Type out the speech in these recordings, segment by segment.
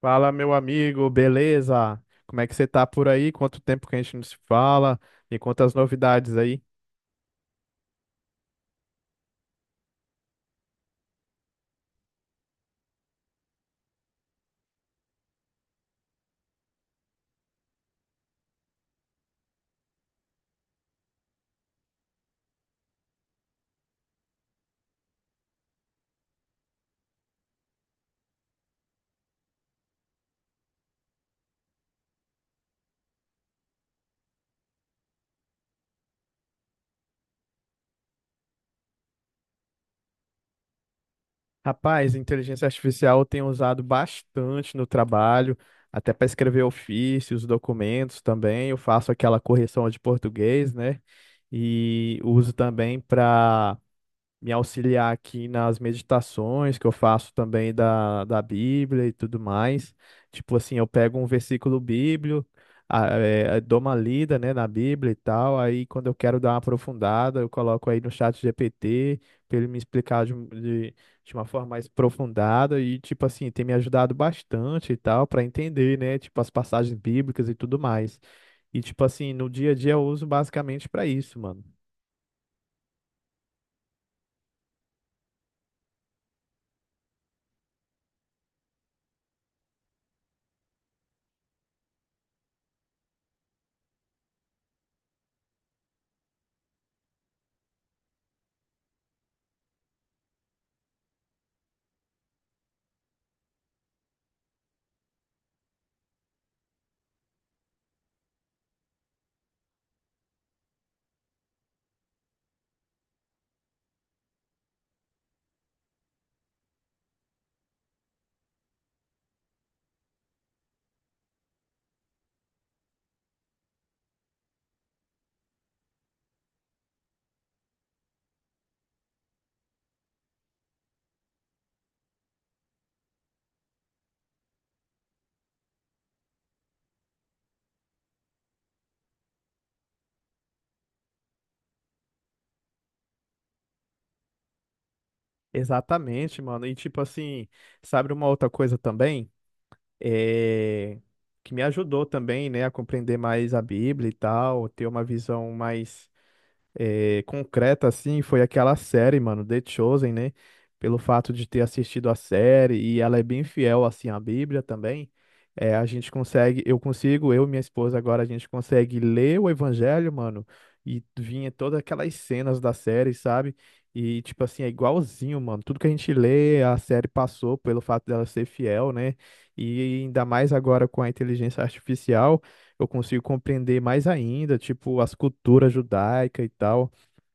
Fala, meu amigo, beleza? Como é que você tá por aí? Quanto tempo que a gente não se fala? E quantas novidades aí? Rapaz, inteligência artificial eu tenho usado bastante no trabalho, até para escrever ofícios, documentos também. Eu faço aquela correção de português, né? E uso também para me auxiliar aqui nas meditações que eu faço também da Bíblia e tudo mais. Tipo assim, eu pego um versículo bíblico, dou uma lida, né, na Bíblia e tal. Aí quando eu quero dar uma aprofundada, eu coloco aí no chat GPT para ele me explicar de uma forma mais aprofundada e tipo assim, tem me ajudado bastante e tal para entender, né, tipo as passagens bíblicas e tudo mais. E tipo assim, no dia a dia eu uso basicamente para isso, mano. Exatamente, mano. E tipo assim, sabe uma outra coisa também? É... Que me ajudou também, né, a compreender mais a Bíblia e tal, ter uma visão mais concreta, assim, foi aquela série, mano, The Chosen, né? Pelo fato de ter assistido a série e ela é bem fiel, assim, à Bíblia também, a gente consegue, eu consigo, eu e minha esposa agora, a gente consegue ler o Evangelho, mano, e vinha todas aquelas cenas da série, sabe? E, tipo assim, é igualzinho, mano. Tudo que a gente lê, a série passou pelo fato dela ser fiel, né? E ainda mais agora com a inteligência artificial eu consigo compreender mais ainda, tipo, as culturas judaicas e tal,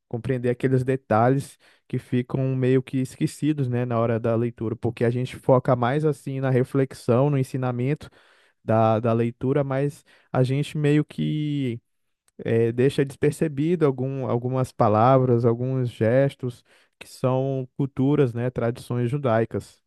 compreender aqueles detalhes que ficam meio que esquecidos, né, na hora da leitura, porque a gente foca mais assim na reflexão, no ensinamento da leitura, mas a gente meio que deixa despercebido algum, algumas palavras, alguns gestos que são culturas, né, tradições judaicas.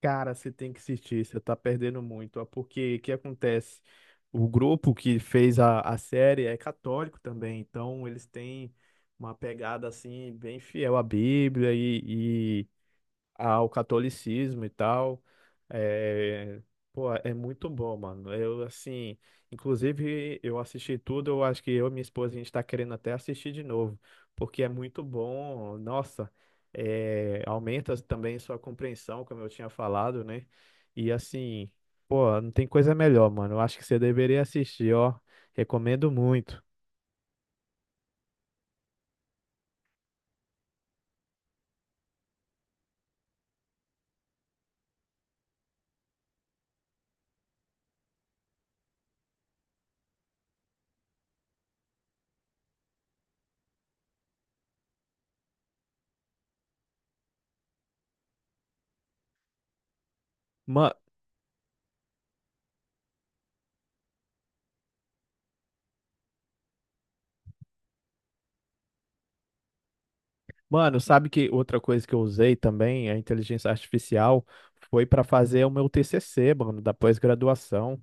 Cara, você tem que assistir, você tá perdendo muito, ó, porque o que acontece? O grupo que fez a série é católico também, então eles têm uma pegada assim bem fiel à Bíblia e, ao catolicismo e tal. É, pô, é muito bom, mano. Eu, assim, inclusive, eu assisti tudo, eu acho que eu e minha esposa, a gente tá querendo até assistir de novo, porque é muito bom. Nossa, é, aumenta também sua compreensão, como eu tinha falado, né? E, assim, pô, não tem coisa melhor, mano. Eu acho que você deveria assistir, ó. Recomendo muito. Mano, sabe que outra coisa que eu usei também, a inteligência artificial, foi para fazer o meu TCC, mano, da pós-graduação,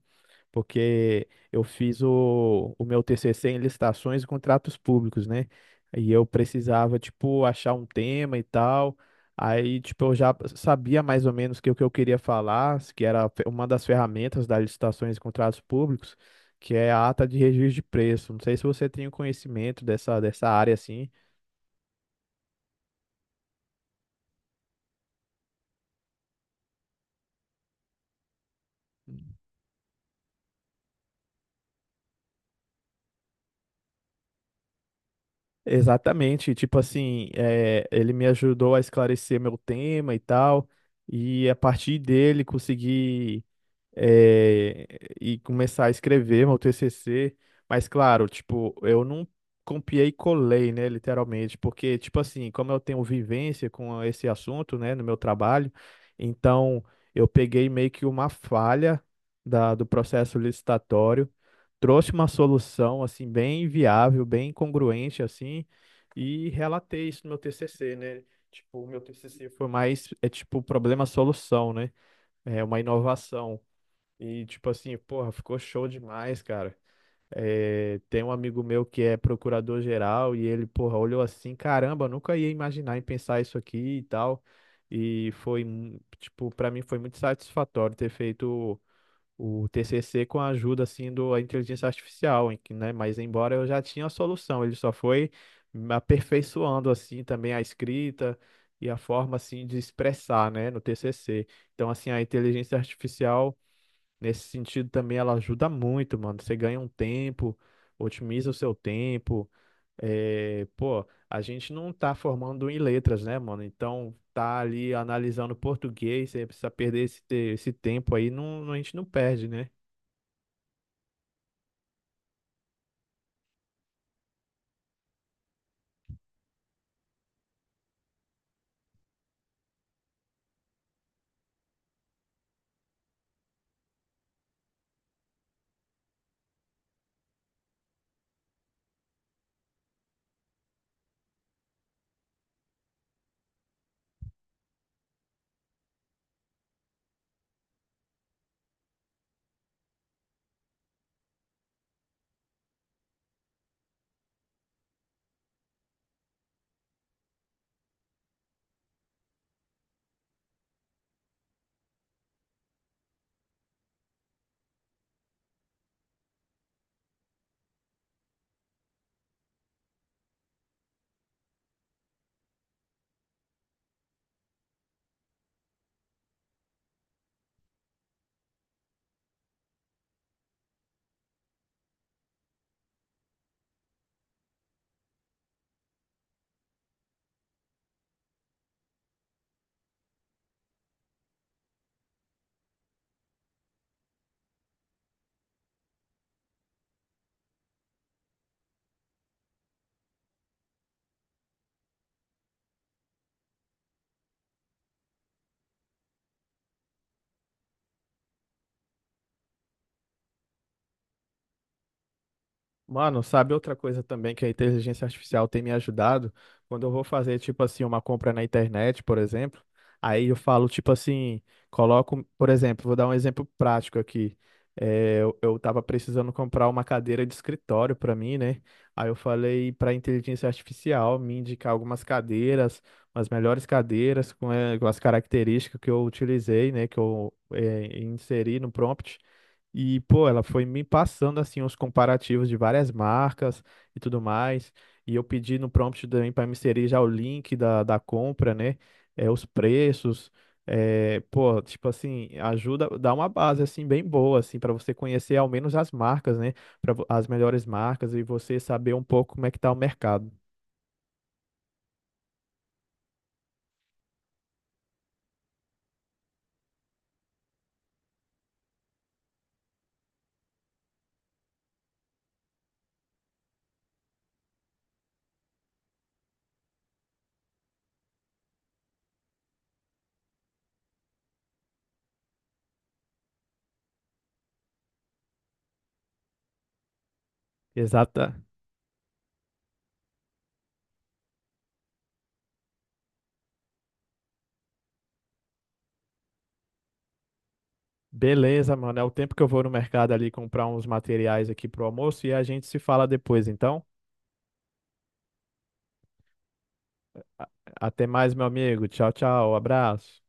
porque eu fiz o meu TCC em licitações e contratos públicos, né? E eu precisava, tipo, achar um tema e tal. Aí, tipo, eu já sabia mais ou menos que o que eu queria falar, que era uma das ferramentas das licitações e contratos públicos, que é a ata de registro de preço. Não sei se você tem o conhecimento dessa área assim. Exatamente, tipo assim, é, ele me ajudou a esclarecer meu tema e tal, e a partir dele consegui eh, começar a escrever meu TCC. Mas, claro, tipo, eu não copiei e colei, né, literalmente, porque, tipo assim, como eu tenho vivência com esse assunto, né, no meu trabalho, então eu peguei meio que uma falha do processo licitatório, trouxe uma solução, assim, bem viável, bem congruente, assim, e relatei isso no meu TCC, né? Tipo, o meu TCC foi mais, é tipo, problema-solução, né? É uma inovação. E tipo assim, porra, ficou show demais, cara. É, tem um amigo meu que é procurador-geral e ele, porra, olhou assim, caramba, nunca ia imaginar em pensar isso aqui e tal. E foi, tipo, pra mim foi muito satisfatório ter feito o TCC com a ajuda, assim, do, a inteligência artificial, em que, né? Mas embora eu já tinha a solução, ele só foi me aperfeiçoando, assim, também a escrita e a forma, assim, de expressar, né, no TCC. Então, assim, a inteligência artificial nesse sentido também ela ajuda muito, mano. Você ganha um tempo, otimiza o seu tempo. É, pô, a gente não tá formando em letras, né, mano? Então tá ali analisando português, você precisa perder esse tempo aí, a gente não perde, né? Mano, sabe outra coisa também que a inteligência artificial tem me ajudado? Quando eu vou fazer, tipo assim, uma compra na internet, por exemplo, aí eu falo, tipo assim, coloco, por exemplo, vou dar um exemplo prático aqui. É, eu tava precisando comprar uma cadeira de escritório para mim, né? Aí eu falei para a inteligência artificial me indicar algumas cadeiras, as melhores cadeiras com, com as características que eu utilizei, né? Que eu inseri no prompt. E, pô, ela foi me passando, assim, os comparativos de várias marcas e tudo mais. E eu pedi no prompt também para me inserir já o link da compra, né? É, os preços. É, pô, tipo assim, ajuda, dá uma base, assim, bem boa, assim, para você conhecer ao menos as marcas, né? As melhores marcas e você saber um pouco como é que tá o mercado. Exata. Beleza, mano. É o tempo que eu vou no mercado ali comprar uns materiais aqui pro almoço e a gente se fala depois, então. Até mais, meu amigo. Tchau, tchau. Abraço.